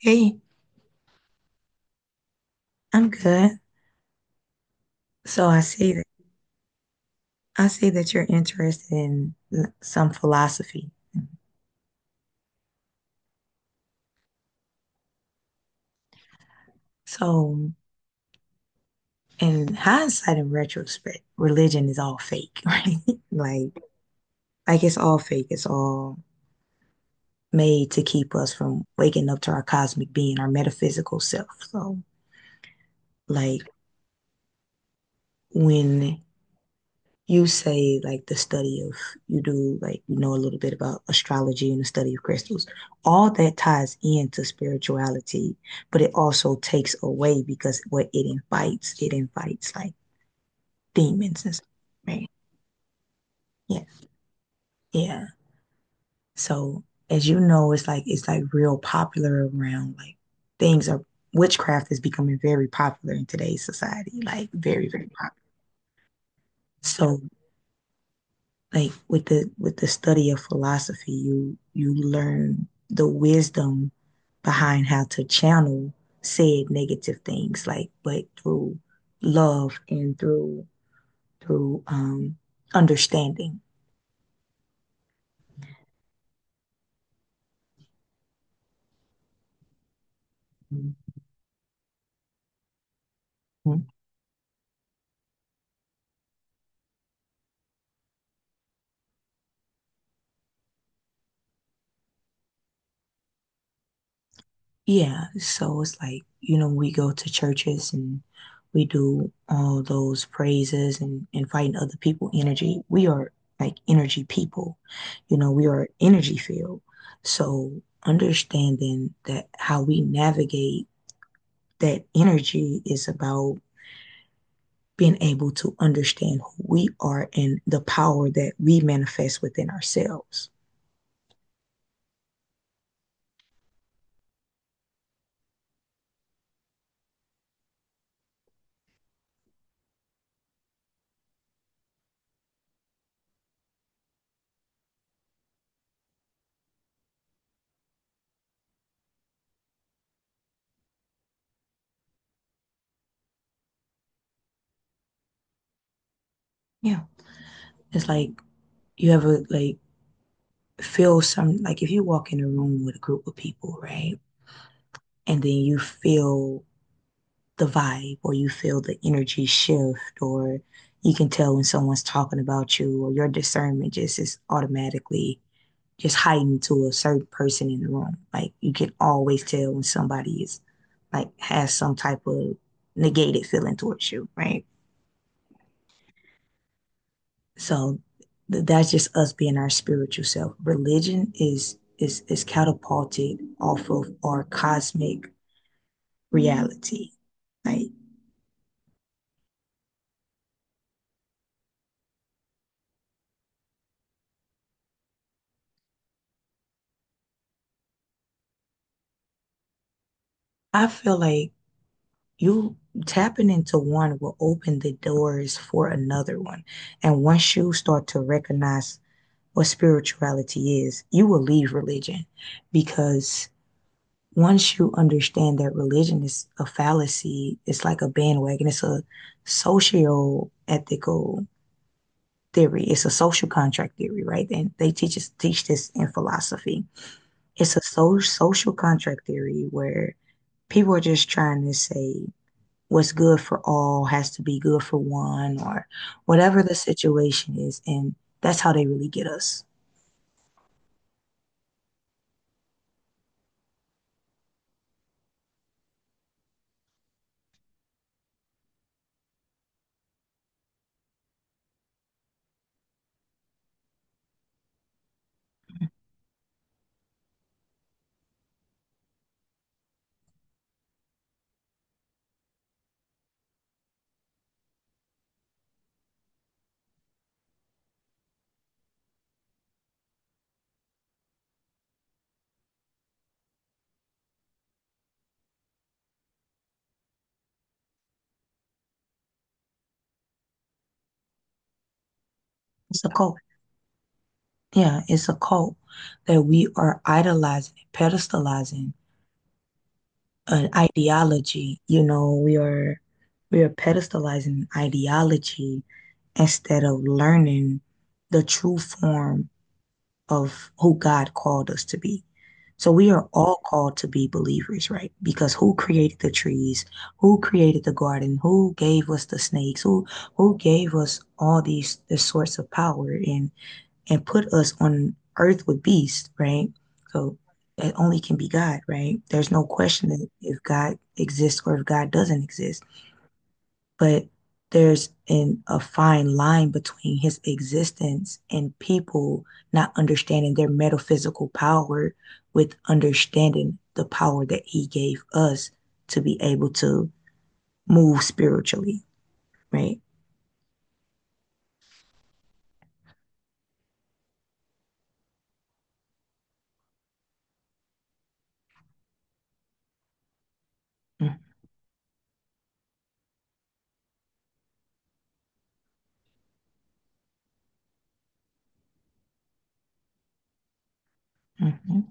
Hey, I'm good. So I see that you're interested in some philosophy. So in hindsight and retrospect, religion is all fake, right? Like it's all fake. It's all made to keep us from waking up to our cosmic being, our metaphysical self. So, like, when you say, like, the study of, you do, like, you know, a little bit about astrology and the study of crystals, all that ties into spirituality, but it also takes away because what it invites like demons and stuff, right? Yeah, yeah. So, as you know, it's like real popular around, like, things are, witchcraft is becoming very popular in today's society, like, very, very popular. So, like, with the study of philosophy, you learn the wisdom behind how to channel said negative things, like, but through love and through through um understanding. Mhm. Yeah, so it's like, you know, we go to churches and we do all those praises and inviting other people energy. We are like energy people. You know, we are energy field. So understanding that how we navigate that energy is about being able to understand who we are and the power that we manifest within ourselves. Yeah. It's like you ever like feel some like if you walk in a room with a group of people, right? And then you feel the vibe or you feel the energy shift or you can tell when someone's talking about you or your discernment just is automatically just heightened to a certain person in the room. Like you can always tell when somebody is like has some type of negated feeling towards you, right? So that's just us being our spiritual self. Religion is catapulted off of our cosmic reality. Like I feel like you tapping into one will open the doors for another one. And once you start to recognize what spirituality is, you will leave religion because once you understand that religion is a fallacy, it's like a bandwagon, it's a social ethical theory. It's a social contract theory, right? And they teach this in philosophy. It's a social contract theory where people are just trying to say what's good for all has to be good for one or whatever the situation is, and that's how they really get us. It's a cult. Yeah, it's a cult that we are idolizing and pedestalizing an ideology. You know, we are pedestalizing ideology instead of learning the true form of who God called us to be. So we are all called to be believers, right? Because who created the trees? Who created the garden? Who gave us the snakes? Who gave us all these this source of power? And put us on earth with beasts, right? So it only can be God, right? There's no question that if God exists or if God doesn't exist. But there's a fine line between his existence and people not understanding their metaphysical power with understanding the power that he gave us to be able to move spiritually, right? Mm-hmm.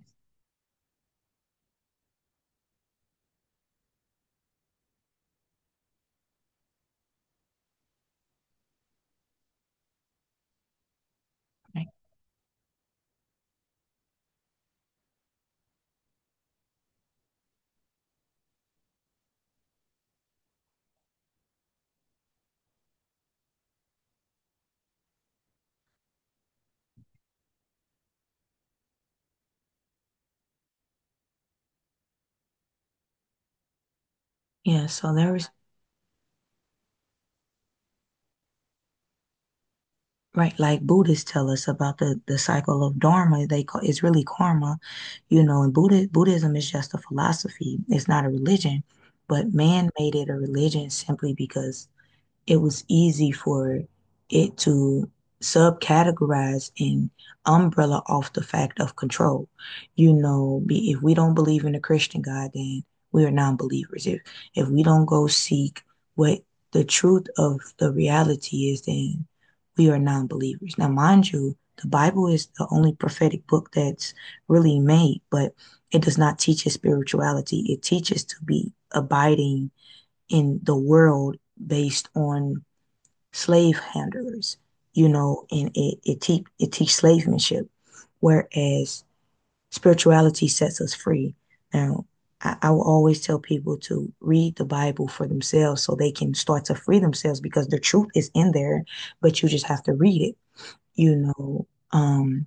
Right. Yeah, so there was. Right, like Buddhists tell us about the cycle of dharma, they call it's really karma, you know, and Buddhism is just a philosophy. It's not a religion, but man made it a religion simply because it was easy for it to subcategorize and umbrella off the fact of control. You know, if we don't believe in the Christian God, then we are non-believers. If we don't go seek what the truth of the reality is, then we are non-believers. Now, mind you, the Bible is the only prophetic book that's really made, but it does not teach us spirituality. It teaches to be abiding in the world based on slave handlers, you know, and it teaches slavemanship, whereas spirituality sets us free. Now, I will always tell people to read the Bible for themselves so they can start to free themselves because the truth is in there, but you just have to read it, you know,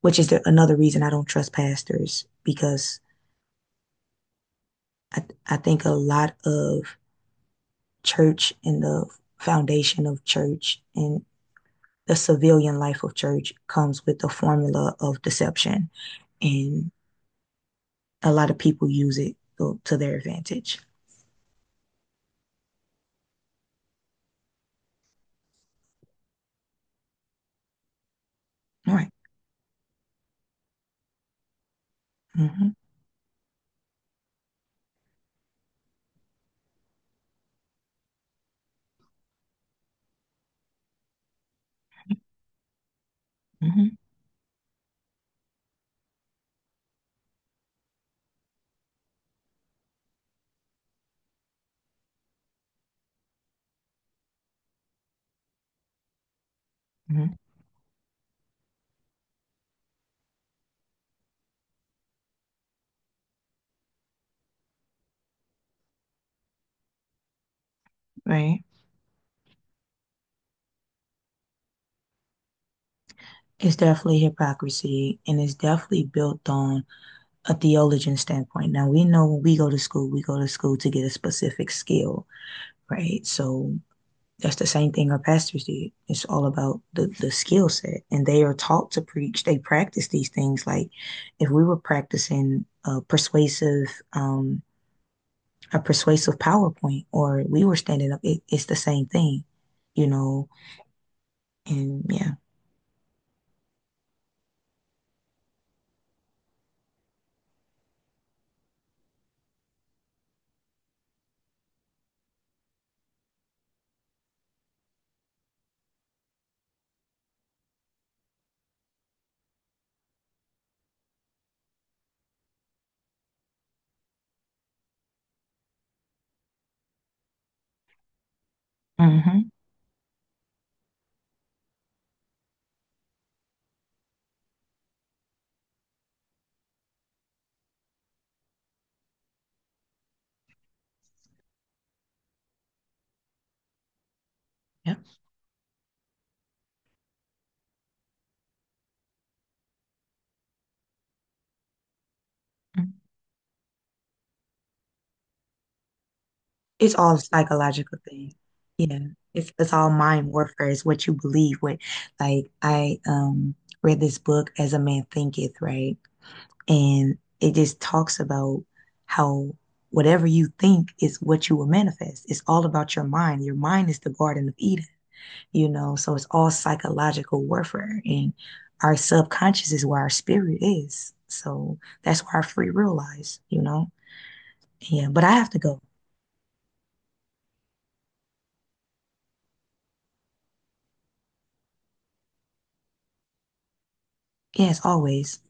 which is another reason I don't trust pastors because I think a lot of church and the foundation of church and the civilian life of church comes with the formula of deception, and a lot of people use it to their advantage. All right. Mm-hmm, mm-hmm, mm-hmm, right. It's definitely hypocrisy and it's definitely built on a theologian standpoint. Now, we know when we go to school, we go to school to get a specific skill, right? So, that's the same thing our pastors did. It's all about the skill set. And they are taught to preach. They practice these things. Like if we were practicing um, a persuasive PowerPoint or we were standing up, it's the same thing, you know? And yeah. Mm-hmm. Yep. It's all a psychological thing. Yeah. It's all mind warfare. It's what you believe. What, like I, read this book as a man thinketh, right? And it just talks about how whatever you think is what you will manifest. It's all about your mind. Your mind is the Garden of Eden, you know? So it's all psychological warfare. And our subconscious is where our spirit is. So that's where our free will lies, you know? Yeah, but I have to go. Yes, always.